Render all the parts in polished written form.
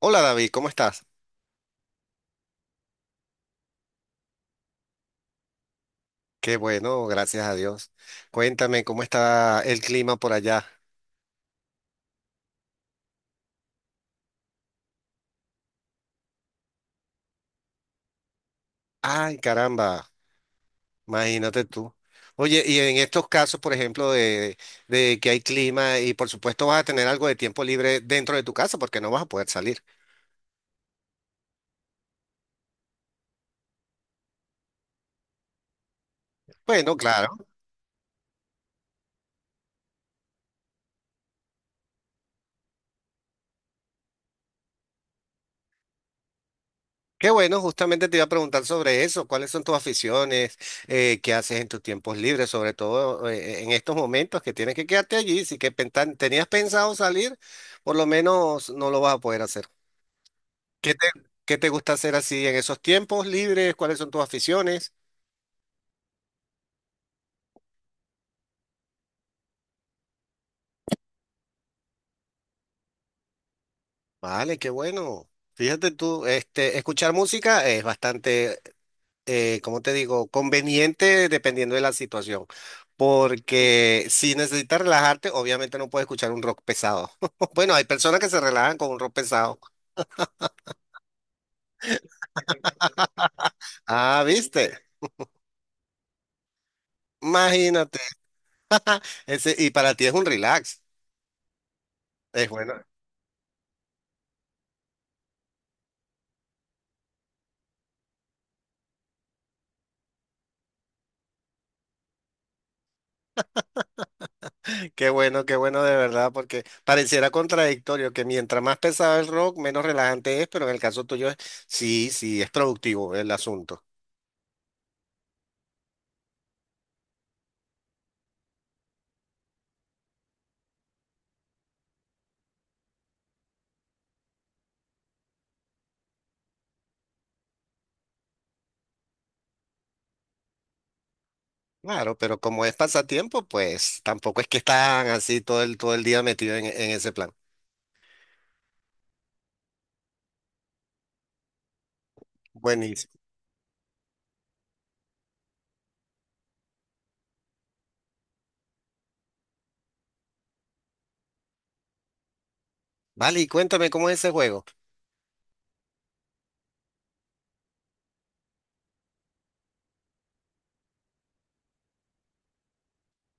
Hola David, ¿cómo estás? Qué bueno, gracias a Dios. Cuéntame cómo está el clima por allá. Ay, caramba, imagínate tú. Oye, y en estos casos, por ejemplo, de que hay clima y por supuesto vas a tener algo de tiempo libre dentro de tu casa porque no vas a poder salir. Bueno, claro. Qué bueno, justamente te iba a preguntar sobre eso. ¿Cuáles son tus aficiones? ¿Qué haces en tus tiempos libres? Sobre todo en estos momentos que tienes que quedarte allí. Si que tenías pensado salir, por lo menos no lo vas a poder hacer. ¿Qué te, ¿qué te gusta hacer así en esos tiempos libres? ¿Cuáles son tus aficiones? Vale, qué bueno. Fíjate tú, este, escuchar música es bastante, ¿cómo te digo? Conveniente dependiendo de la situación. Porque si necesitas relajarte, obviamente no puedes escuchar un rock pesado. Bueno, hay personas que se relajan con un rock pesado. Ah, ¿viste? Imagínate. Ese, y para ti es un relax. Es bueno. Qué bueno, qué bueno de verdad, porque pareciera contradictorio que mientras más pesado el rock, menos relajante es, pero en el caso tuyo es, sí, sí, es productivo el asunto. Claro, pero como es pasatiempo, pues tampoco es que están así todo el día metido en ese plan. Buenísimo. Vale, y cuéntame cómo es ese juego.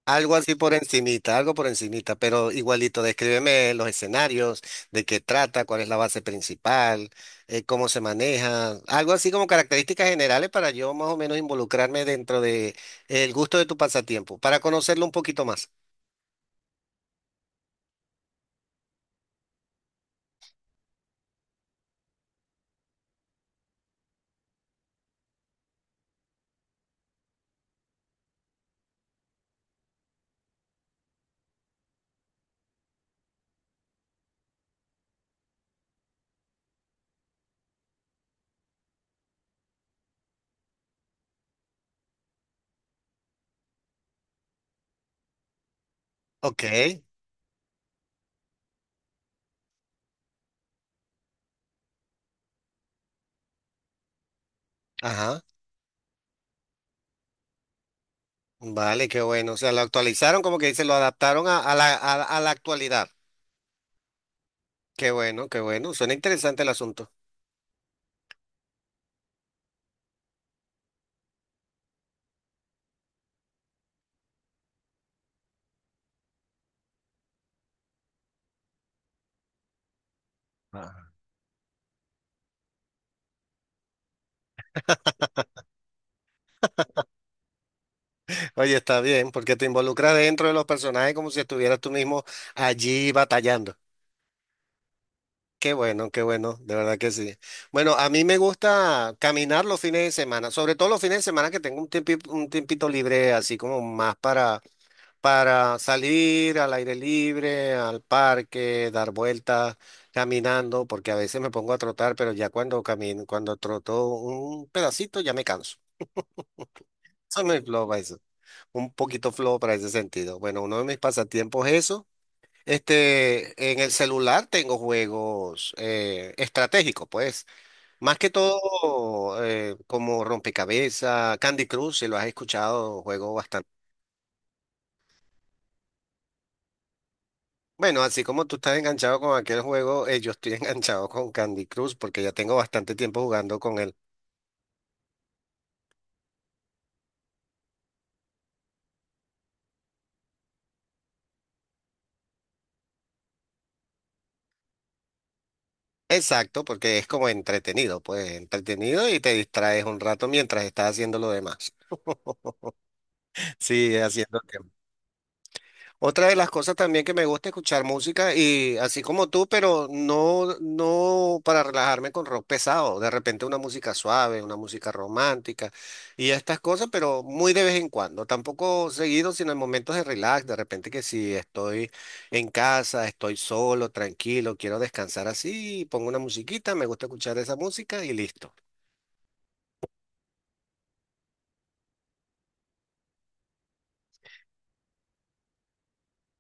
Algo así por encimita, algo por encimita, pero igualito, descríbeme los escenarios, de qué trata, cuál es la base principal, cómo se maneja, algo así como características generales para yo más o menos involucrarme dentro de el gusto de tu pasatiempo, para conocerlo un poquito más. Ok, ajá, vale, qué bueno, o sea, lo actualizaron, como que dice, lo adaptaron a la, a la actualidad. Qué bueno, suena interesante el asunto. Oye, está bien, porque te involucras dentro de los personajes como si estuvieras tú mismo allí batallando. Qué bueno, de verdad que sí. Bueno, a mí me gusta caminar los fines de semana, sobre todo los fines de semana que tengo un un tiempito libre, así como más para salir al aire libre, al parque, dar vueltas, caminando, porque a veces me pongo a trotar, pero ya cuando camino, cuando troto un pedacito ya me canso. Eso me lo un poquito flojo para ese sentido. Bueno, uno de mis pasatiempos es eso. Este, en el celular tengo juegos estratégicos, pues. Más que todo como rompecabezas, Candy Crush, si lo has escuchado, juego bastante. Bueno, así como tú estás enganchado con aquel juego, yo estoy enganchado con Candy Crush porque ya tengo bastante tiempo jugando con él. Exacto, porque es como entretenido, pues entretenido y te distraes un rato mientras estás haciendo lo demás. Sí, haciendo. Otra de las cosas también que me gusta escuchar música y así como tú, pero no para relajarme con rock pesado, de repente una música suave, una música romántica y estas cosas, pero muy de vez en cuando, tampoco seguido, sino en momentos de relax, de repente que si estoy en casa, estoy solo, tranquilo, quiero descansar así, pongo una musiquita, me gusta escuchar esa música y listo.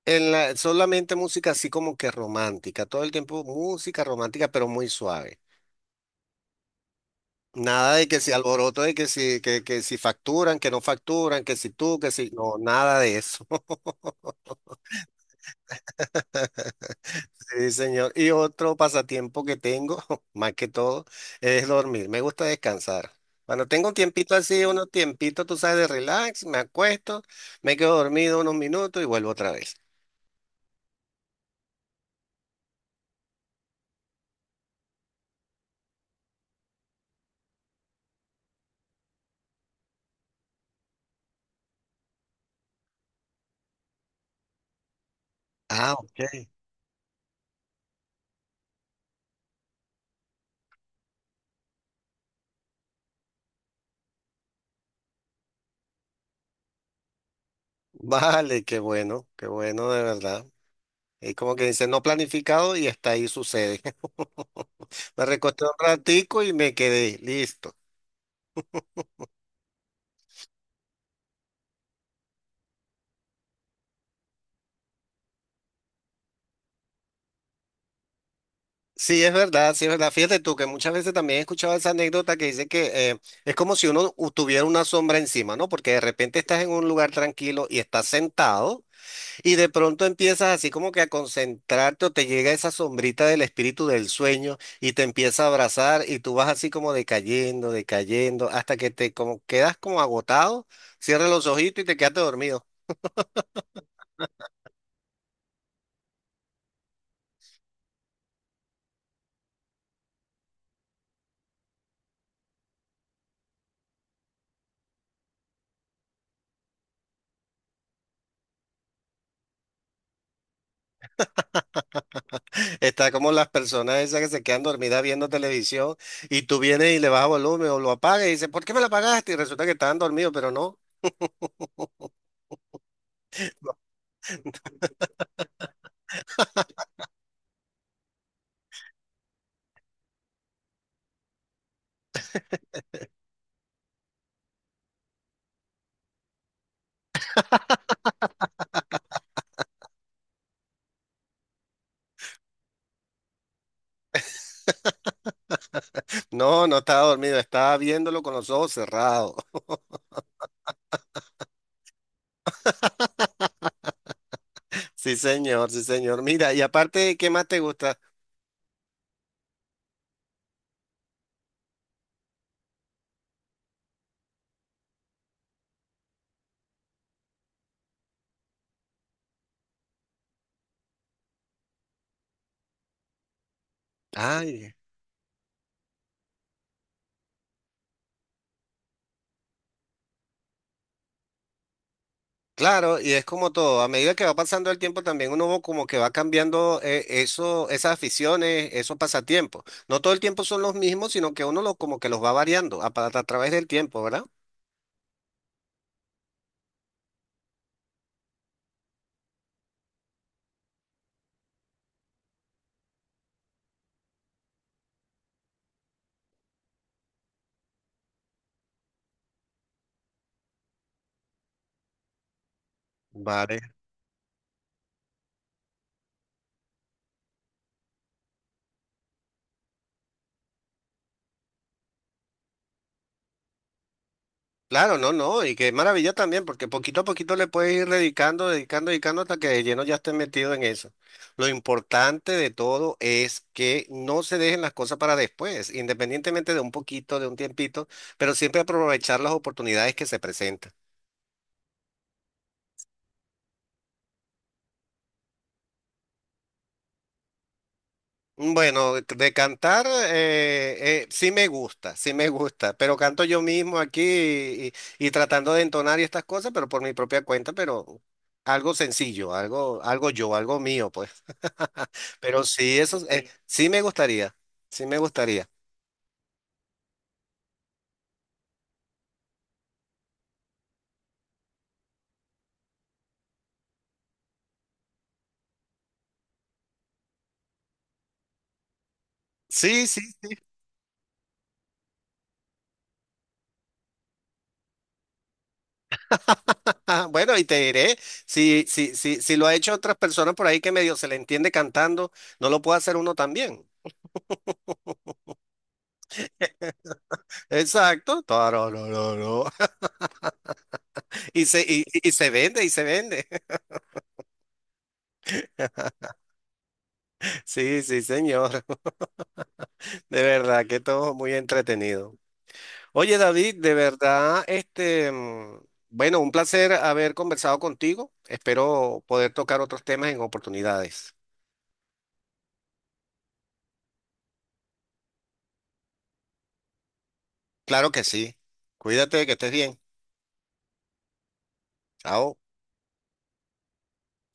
Solamente música así como que romántica, todo el tiempo música romántica, pero muy suave. Nada de que si alboroto, de que si, que si facturan, que no facturan, que si tú, que si no, nada de eso. Sí, señor. Y otro pasatiempo que tengo, más que todo, es dormir. Me gusta descansar. Cuando tengo un tiempito así, unos tiempitos, tú sabes, de relax, me acuesto, me quedo dormido unos minutos y vuelvo otra vez. Ah, ok. Vale, qué bueno, de verdad. Es como que dice, no planificado y hasta ahí sucede. Me recosté un ratico y me quedé listo. Sí, es verdad, sí, es verdad. Fíjate tú que muchas veces también he escuchado esa anécdota que dice que es como si uno tuviera una sombra encima, ¿no? Porque de repente estás en un lugar tranquilo y estás sentado y de pronto empiezas así como que a concentrarte o te llega esa sombrita del espíritu del sueño y te empieza a abrazar y tú vas así como decayendo, decayendo, hasta que te como quedas como agotado, cierras los ojitos y te quedaste dormido. Está como las personas esas que se quedan dormidas viendo televisión y tú vienes y le bajas volumen o lo apagas y dices, ¿por qué me la apagaste? Y resulta que estaban dormidos, pero no. No, no estaba dormido, estaba viéndolo con los ojos cerrados. Sí, señor, sí, señor. Mira, y aparte, ¿qué más te gusta? Ay, claro, y es como todo, a medida que va pasando el tiempo también uno va como que va cambiando eso, esas aficiones, esos pasatiempos. No todo el tiempo son los mismos, sino que uno los como que los va variando a través del tiempo, ¿verdad? Vale. Claro, no, no, y qué maravilla también, porque poquito a poquito le puedes ir dedicando, dedicando, dedicando hasta que de lleno ya estés metido en eso. Lo importante de todo es que no se dejen las cosas para después, independientemente de un poquito, de un tiempito, pero siempre aprovechar las oportunidades que se presentan. Bueno, de cantar sí me gusta, pero canto yo mismo aquí y tratando de entonar y estas cosas, pero por mi propia cuenta, pero algo sencillo, algo, algo yo, algo mío, pues. Pero sí, eso sí me gustaría, sí me gustaría. Sí, sí. Ajá, bueno, y te diré, si lo ha hecho otras personas por ahí que medio se le entiende cantando, no lo puede hacer uno también. Exacto. Tararararó. Y se vende, y se vende. Sí, sí, señor. De verdad que todo muy entretenido. Oye, David, de verdad, bueno, un placer haber conversado contigo. Espero poder tocar otros temas en oportunidades. Claro que sí. Cuídate, que estés bien. Chao.